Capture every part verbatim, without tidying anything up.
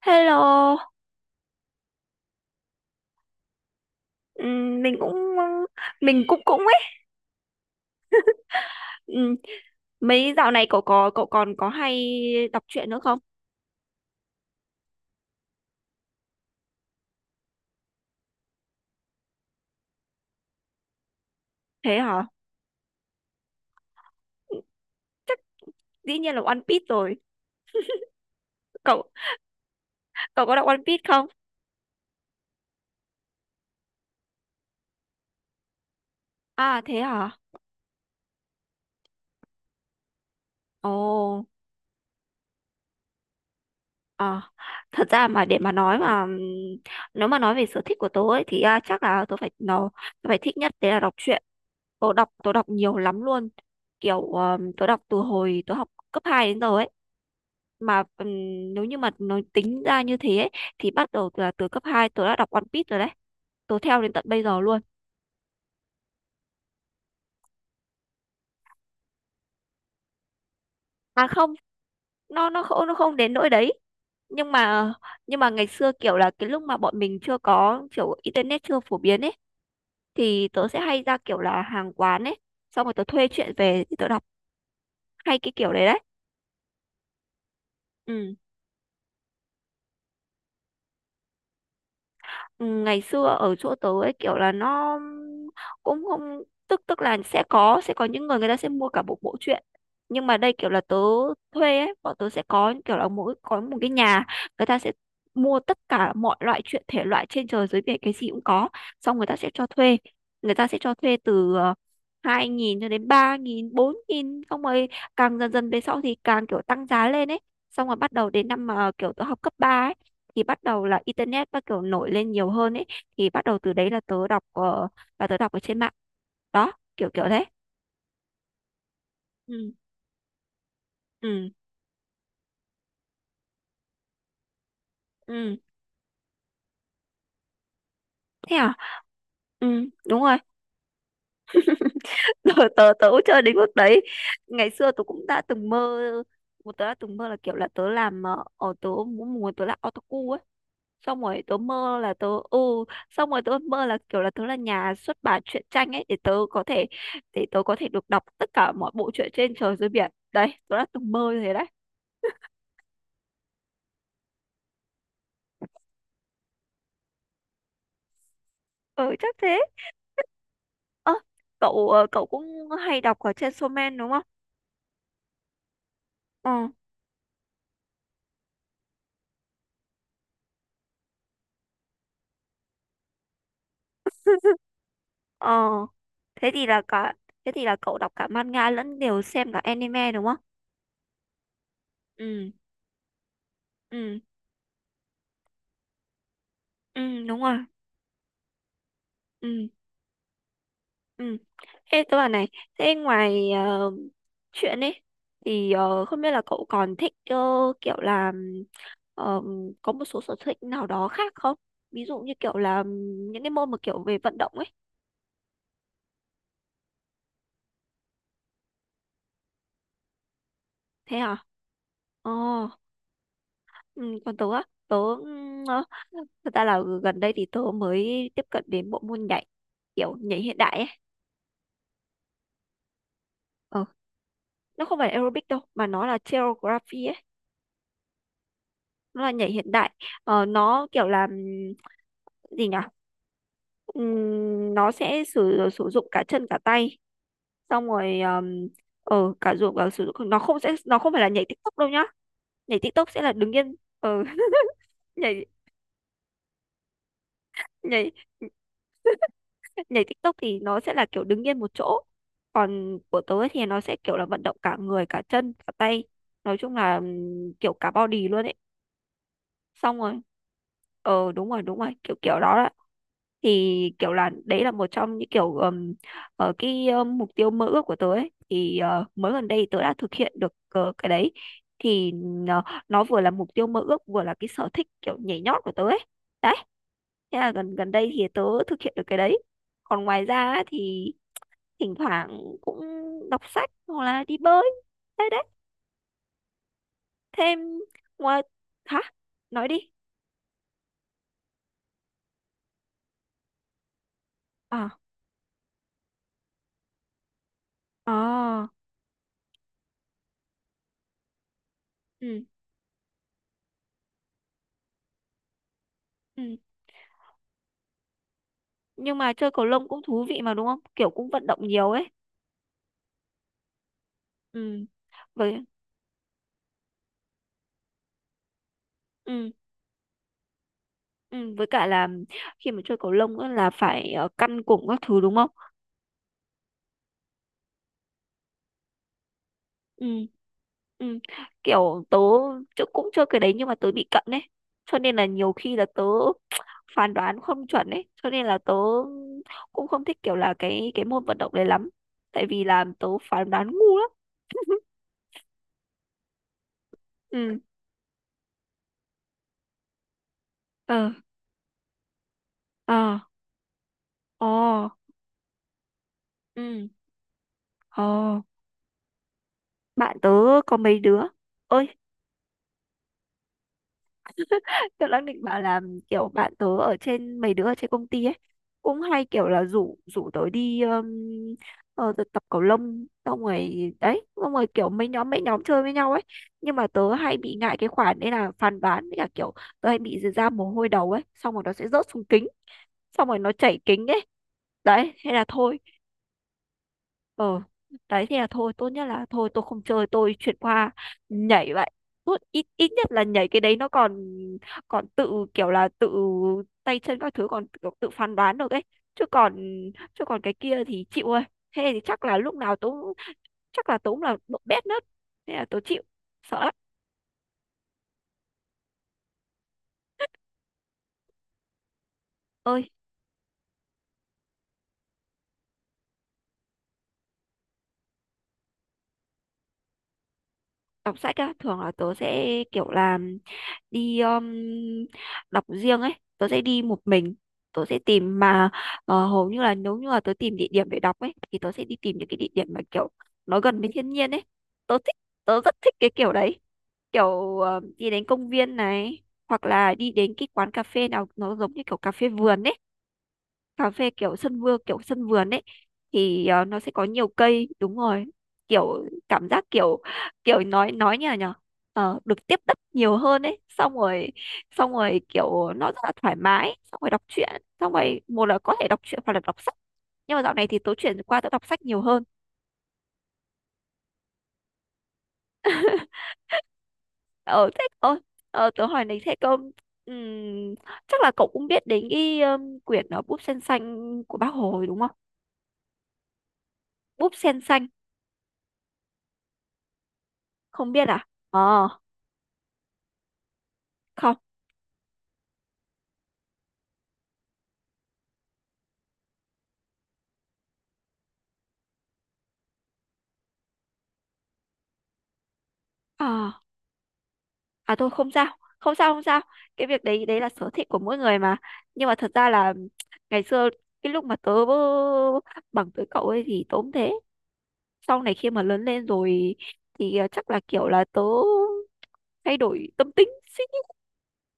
Hello. Ừm, mình cũng mình cũng cũng ấy. Ừm, Mấy dạo này cậu có cậu còn có hay đọc truyện nữa không? Thế hả? Chắc dĩ nhiên là One Piece rồi. Cậu cậu có đọc One Piece không? À thế hả? Ồ, à, thật ra mà để mà nói mà ừm, nếu mà nói về sở thích của tớ ấy thì à, chắc là tớ phải nó tớ phải thích nhất đấy là đọc truyện. Tớ đọc tớ đọc nhiều lắm luôn. Kiểu um, tớ đọc từ hồi tớ học cấp hai đến giờ ấy. Mà ừm, nếu như mà nói tính ra như thế ấy, thì bắt đầu từ là từ cấp hai tớ đã đọc One Piece rồi đấy, tớ theo đến tận bây giờ luôn. À không, nó nó không nó không đến nỗi đấy. Nhưng mà nhưng mà ngày xưa kiểu là cái lúc mà bọn mình chưa có kiểu internet chưa phổ biến ấy, thì tớ sẽ hay ra kiểu là hàng quán ấy, xong rồi tớ thuê truyện về thì tớ đọc, hay cái kiểu đấy đấy. Ừ. Ừ, ngày xưa ở chỗ tớ ấy kiểu là nó cũng không, tức tức là sẽ có, sẽ có những người người ta sẽ mua cả một bộ truyện, nhưng mà đây kiểu là tớ thuê ấy, bọn tớ sẽ có kiểu là mỗi có một cái nhà, người ta sẽ mua tất cả mọi loại truyện, thể loại trên trời dưới biển cái gì cũng có, xong người ta sẽ cho thuê, người ta sẽ cho thuê từ ờ, hai nghìn cho đến ba nghìn, bốn nghìn, xong rồi càng dần dần về sau thì càng kiểu tăng giá lên ấy. Xong rồi bắt đầu đến năm mà kiểu tớ học cấp ba, thì bắt đầu là internet bắt đầu nổi lên nhiều hơn ấy, thì bắt đầu từ đấy là tớ đọc ờ, là tớ đọc ở trên mạng đó, kiểu kiểu thế. Ừ. Ừ. Ừ. Thế à. Ừ, đúng rồi. tớ tớ tớ cũng chơi đến mức đấy, ngày xưa tớ cũng đã từng mơ, một tớ đã từng mơ là kiểu là tớ làm, ờ, ở tớ muốn muốn tớ là otaku ấy, xong rồi tớ mơ là tớ ừ xong rồi tớ mơ là kiểu là tớ là nhà xuất bản truyện tranh ấy, để tớ có thể, để tớ có thể được đọc tất cả mọi bộ truyện trên trời dưới biển đấy, tớ đã từng mơ như thế đấy. Ừ, chắc thế. Ơ, cậu, ờ, cậu cũng hay đọc ở trên Shonen đúng không? Ừ. ờ thế thì là cả thế thì là cậu đọc cả manga lẫn đều xem cả anime đúng không? Ừ. Ừ. Ừ, đúng rồi. Ừ. Ừ. Thế tớ bảo này. Thế ngoài ờ, chuyện ấy thì, ờ, không biết là cậu còn thích, ờ, kiểu là, ờ, có một số sở thích nào đó khác không? Ví dụ như kiểu là những cái môn mà kiểu về vận động ấy. Thế hả? Ờ. Ừ, còn tớ á, tớ ừm, ờ, thật ra là gần đây thì tớ mới tiếp cận đến bộ môn nhảy, kiểu nhảy hiện đại ấy. Ờ, nó không phải là aerobic đâu, mà nó là choreography ấy, nó là nhảy hiện đại. Ờ, nó kiểu là, ừm, gì nhỉ? Ừm, nó sẽ sử sử dụng cả chân cả tay, xong rồi, ừm, ờ cả dụng cả sử dụng nó không sẽ nó không phải là nhảy TikTok đâu nhá. Nhảy TikTok sẽ là đứng yên, ờ, nhảy nhảy nhảy TikTok thì nó sẽ là kiểu đứng yên một chỗ, còn của tớ ấy thì nó sẽ kiểu là vận động cả người cả chân cả tay, nói chung là, ừm, kiểu cả body luôn ấy. Xong rồi, ờ đúng rồi, đúng rồi kiểu kiểu đó, thì kiểu là đấy là một trong những kiểu, ừm, ờ, cái ờ, mục tiêu mơ ước của tớ ấy thì, ờ, mới gần đây tớ đã thực hiện được, ờ, cái đấy, thì nó, nó vừa là mục tiêu mơ ước vừa là cái sở thích kiểu nhảy nhót của tớ ấy đấy. Thế là gần gần đây thì tớ thực hiện được cái đấy. Còn ngoài ra á thì thỉnh thoảng cũng đọc sách hoặc là đi bơi, đấy đấy thêm ngoài, hả, nói đi. À. À. Ừ. Ừ. Nhưng mà chơi cầu lông cũng thú vị mà đúng không, kiểu cũng vận động nhiều ấy. Ừ. Với, ừ. Ừ, với cả là khi mà chơi cầu lông á là phải, ờ, căn cùng các thứ đúng không? Ừ. Ừ. Kiểu tớ, chứ cũng chơi cái đấy nhưng mà tớ bị cận ấy, cho nên là nhiều khi là tớ phán đoán không chuẩn ấy, cho nên là tớ cũng không thích kiểu là cái cái môn vận động đấy lắm, tại vì là tớ phán đoán ngu lắm. Ừ. Ờ. Ờ. Ồ. Ừ. Ồ. Bạn tớ có mấy đứa. Ơi. Tớ đang định bảo là kiểu bạn tớ ở trên, mấy đứa ở trên công ty ấy, cũng hay kiểu là rủ rủ tớ đi, um, ờ, tớ tập cầu lông xong rồi đấy, xong rồi kiểu mấy nhóm mấy nhóm chơi với nhau ấy. Nhưng mà tớ hay bị ngại cái khoản đấy là phàn nàn, với cả kiểu tớ hay bị ra mồ hôi đầu ấy, xong rồi nó sẽ rớt xuống kính, xong rồi nó chảy kính ấy, đấy hay là thôi. Ờ. Đấy thì là thôi, tốt nhất là thôi, tôi không chơi, tôi chuyển qua nhảy vậy. Tốt, ít ít nhất là nhảy cái đấy nó còn còn tự kiểu là tự tay chân các thứ còn tự, tự phán đoán được ấy, chứ còn chứ còn cái kia thì chịu ơi. Thế thì chắc là lúc nào tôi cũng- chắc là tôi cũng là độ bét nớt, thế là tôi chịu, sợ lắm. Ơi. Đọc sách á thường là tớ sẽ kiểu là đi, um, đọc riêng ấy, tớ sẽ đi một mình, tớ sẽ tìm mà, ờ, hầu như là nếu như là tớ tìm địa điểm để đọc ấy, thì tớ sẽ đi tìm những cái địa điểm mà kiểu nó gần với thiên nhiên ấy, tớ thích, tớ rất thích cái kiểu đấy. Kiểu ờ, đi đến công viên này, hoặc là đi đến cái quán cà phê nào nó giống như kiểu cà phê vườn ấy, cà phê kiểu sân vườn, kiểu sân vườn ấy, thì ờ, nó sẽ có nhiều cây đúng rồi, kiểu cảm giác kiểu, kiểu nói nói như là nhở. Ờ, được tiếp đất nhiều hơn ấy, xong rồi, xong rồi kiểu nó rất là thoải mái, xong rồi đọc truyện, xong rồi một là có thể đọc truyện hoặc là đọc sách, nhưng mà dạo này thì tớ chuyển qua tớ đọc sách nhiều hơn. Ờ thế, ờ, ờ tớ hỏi này, thế cậu, ừm, chắc là cậu cũng biết đến cái, um, quyển, ờ, Búp Sen Xanh của Bác Hồ rồi đúng không? Búp Sen Xanh. Không biết à? Ờ, không. À, à, tôi không sao, không sao, không sao. Cái việc đấy đấy là sở thích của mỗi người mà, nhưng mà thật ra là ngày xưa cái lúc mà tớ bằng tuổi cậu ấy thì tớ cũng thế. Sau này khi mà lớn lên rồi thì, à, chắc là kiểu là tớ thay đổi tâm tính suy nghĩ,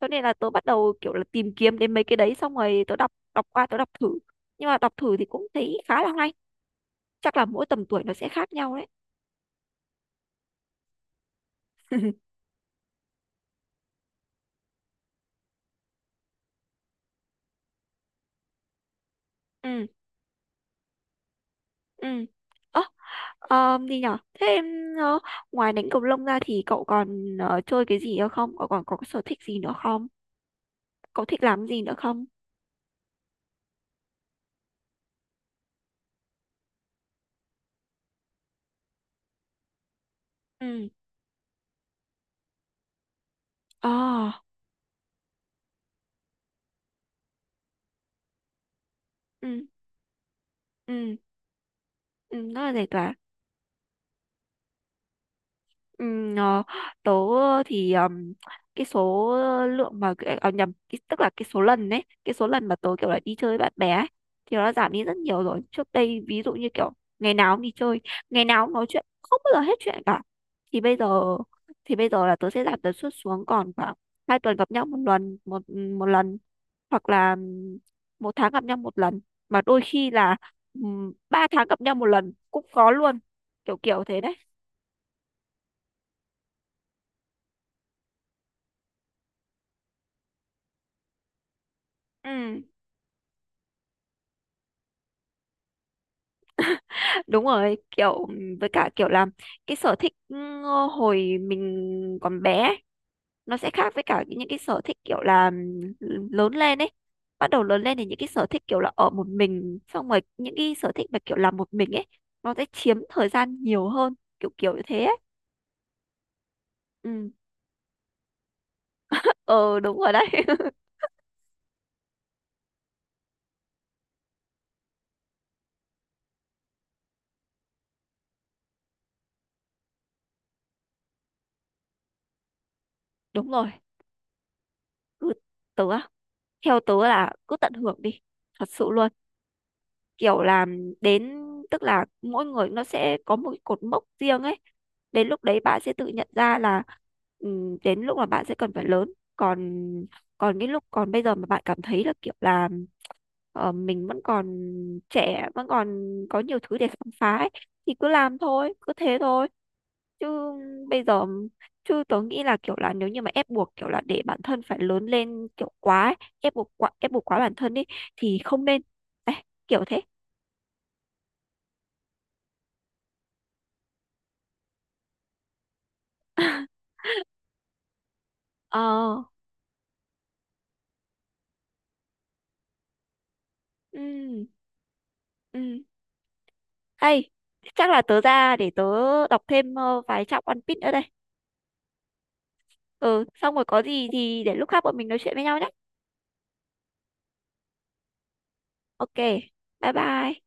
cho nên là tớ bắt đầu kiểu là tìm kiếm đến mấy cái đấy, xong rồi tớ đọc đọc qua tớ đọc thử, nhưng mà đọc thử thì cũng thấy khá là hay, chắc là mỗi tầm tuổi nó sẽ khác nhau đấy. Ừ. Ừ. Ờ, gì nhở? Thế em, ờ, ngoài đánh cầu lông ra thì cậu còn, ờ, chơi cái gì nữa không? Cậu còn có cái sở thích gì nữa không? Cậu thích làm gì nữa không? Ừ. Ờ. Ừ. Ừ. Ừ. Rất là giải tỏa. Ừm, ờ, Tớ, ờ, thì ờm, cái số lượng mà cái-, à, nhầm cái, tức là cái số lần đấy, cái số lần mà tớ kiểu là đi chơi với bạn bè ấy, thì nó giảm đi rất nhiều rồi. Trước đây ví dụ như kiểu ngày nào cũng đi chơi, ngày nào cũng nói chuyện, không bao giờ hết chuyện cả. Thì bây giờ, thì bây giờ là tớ sẽ giảm tần suất xuống còn khoảng hai tuần gặp nhau một lần, một một lần hoặc là ừm, một tháng gặp nhau một lần, mà đôi khi là ừm, ba tháng gặp nhau một lần cũng có luôn, kiểu kiểu thế đấy. Ừ. Đúng rồi, kiểu với cả kiểu là cái sở thích, ừ, hồi mình còn bé ấy, nó sẽ khác với cả những cái sở thích kiểu là, ừ, lớn lên ấy. Bắt đầu lớn lên thì những cái sở thích kiểu là ở một mình, xong rồi những cái sở thích mà kiểu làm một mình ấy nó sẽ chiếm thời gian nhiều hơn, kiểu kiểu như thế ấy. Ừ, ờ đúng rồi đấy. Đúng rồi, cứ tớ á, theo tớ là cứ tận hưởng đi, thật sự luôn. Kiểu là, đến tức là mỗi người nó sẽ có một cái cột mốc riêng ấy, đến lúc đấy bạn sẽ tự nhận ra là, ừm, đến lúc mà bạn sẽ cần phải lớn. Còn, còn cái lúc còn bây giờ mà bạn cảm thấy là kiểu là, ờ, mình vẫn còn trẻ, vẫn còn có nhiều thứ để khám phá ấy, thì cứ làm thôi, cứ thế thôi. Chứ bây giờ chứ tớ nghĩ là kiểu là nếu như mà ép buộc kiểu là để bản thân phải lớn lên kiểu quá ấy, ép buộc quá ép buộc quá bản thân đi thì không nên. Đấy, kiểu thế. Ờ, ừ, ừ. Hay, chắc là tớ ra để tớ đọc thêm ờ, vài trang One Piece nữa đây. Ừ, xong rồi có gì thì để lúc khác bọn mình nói chuyện với nhau nhé. Ok, bye bye.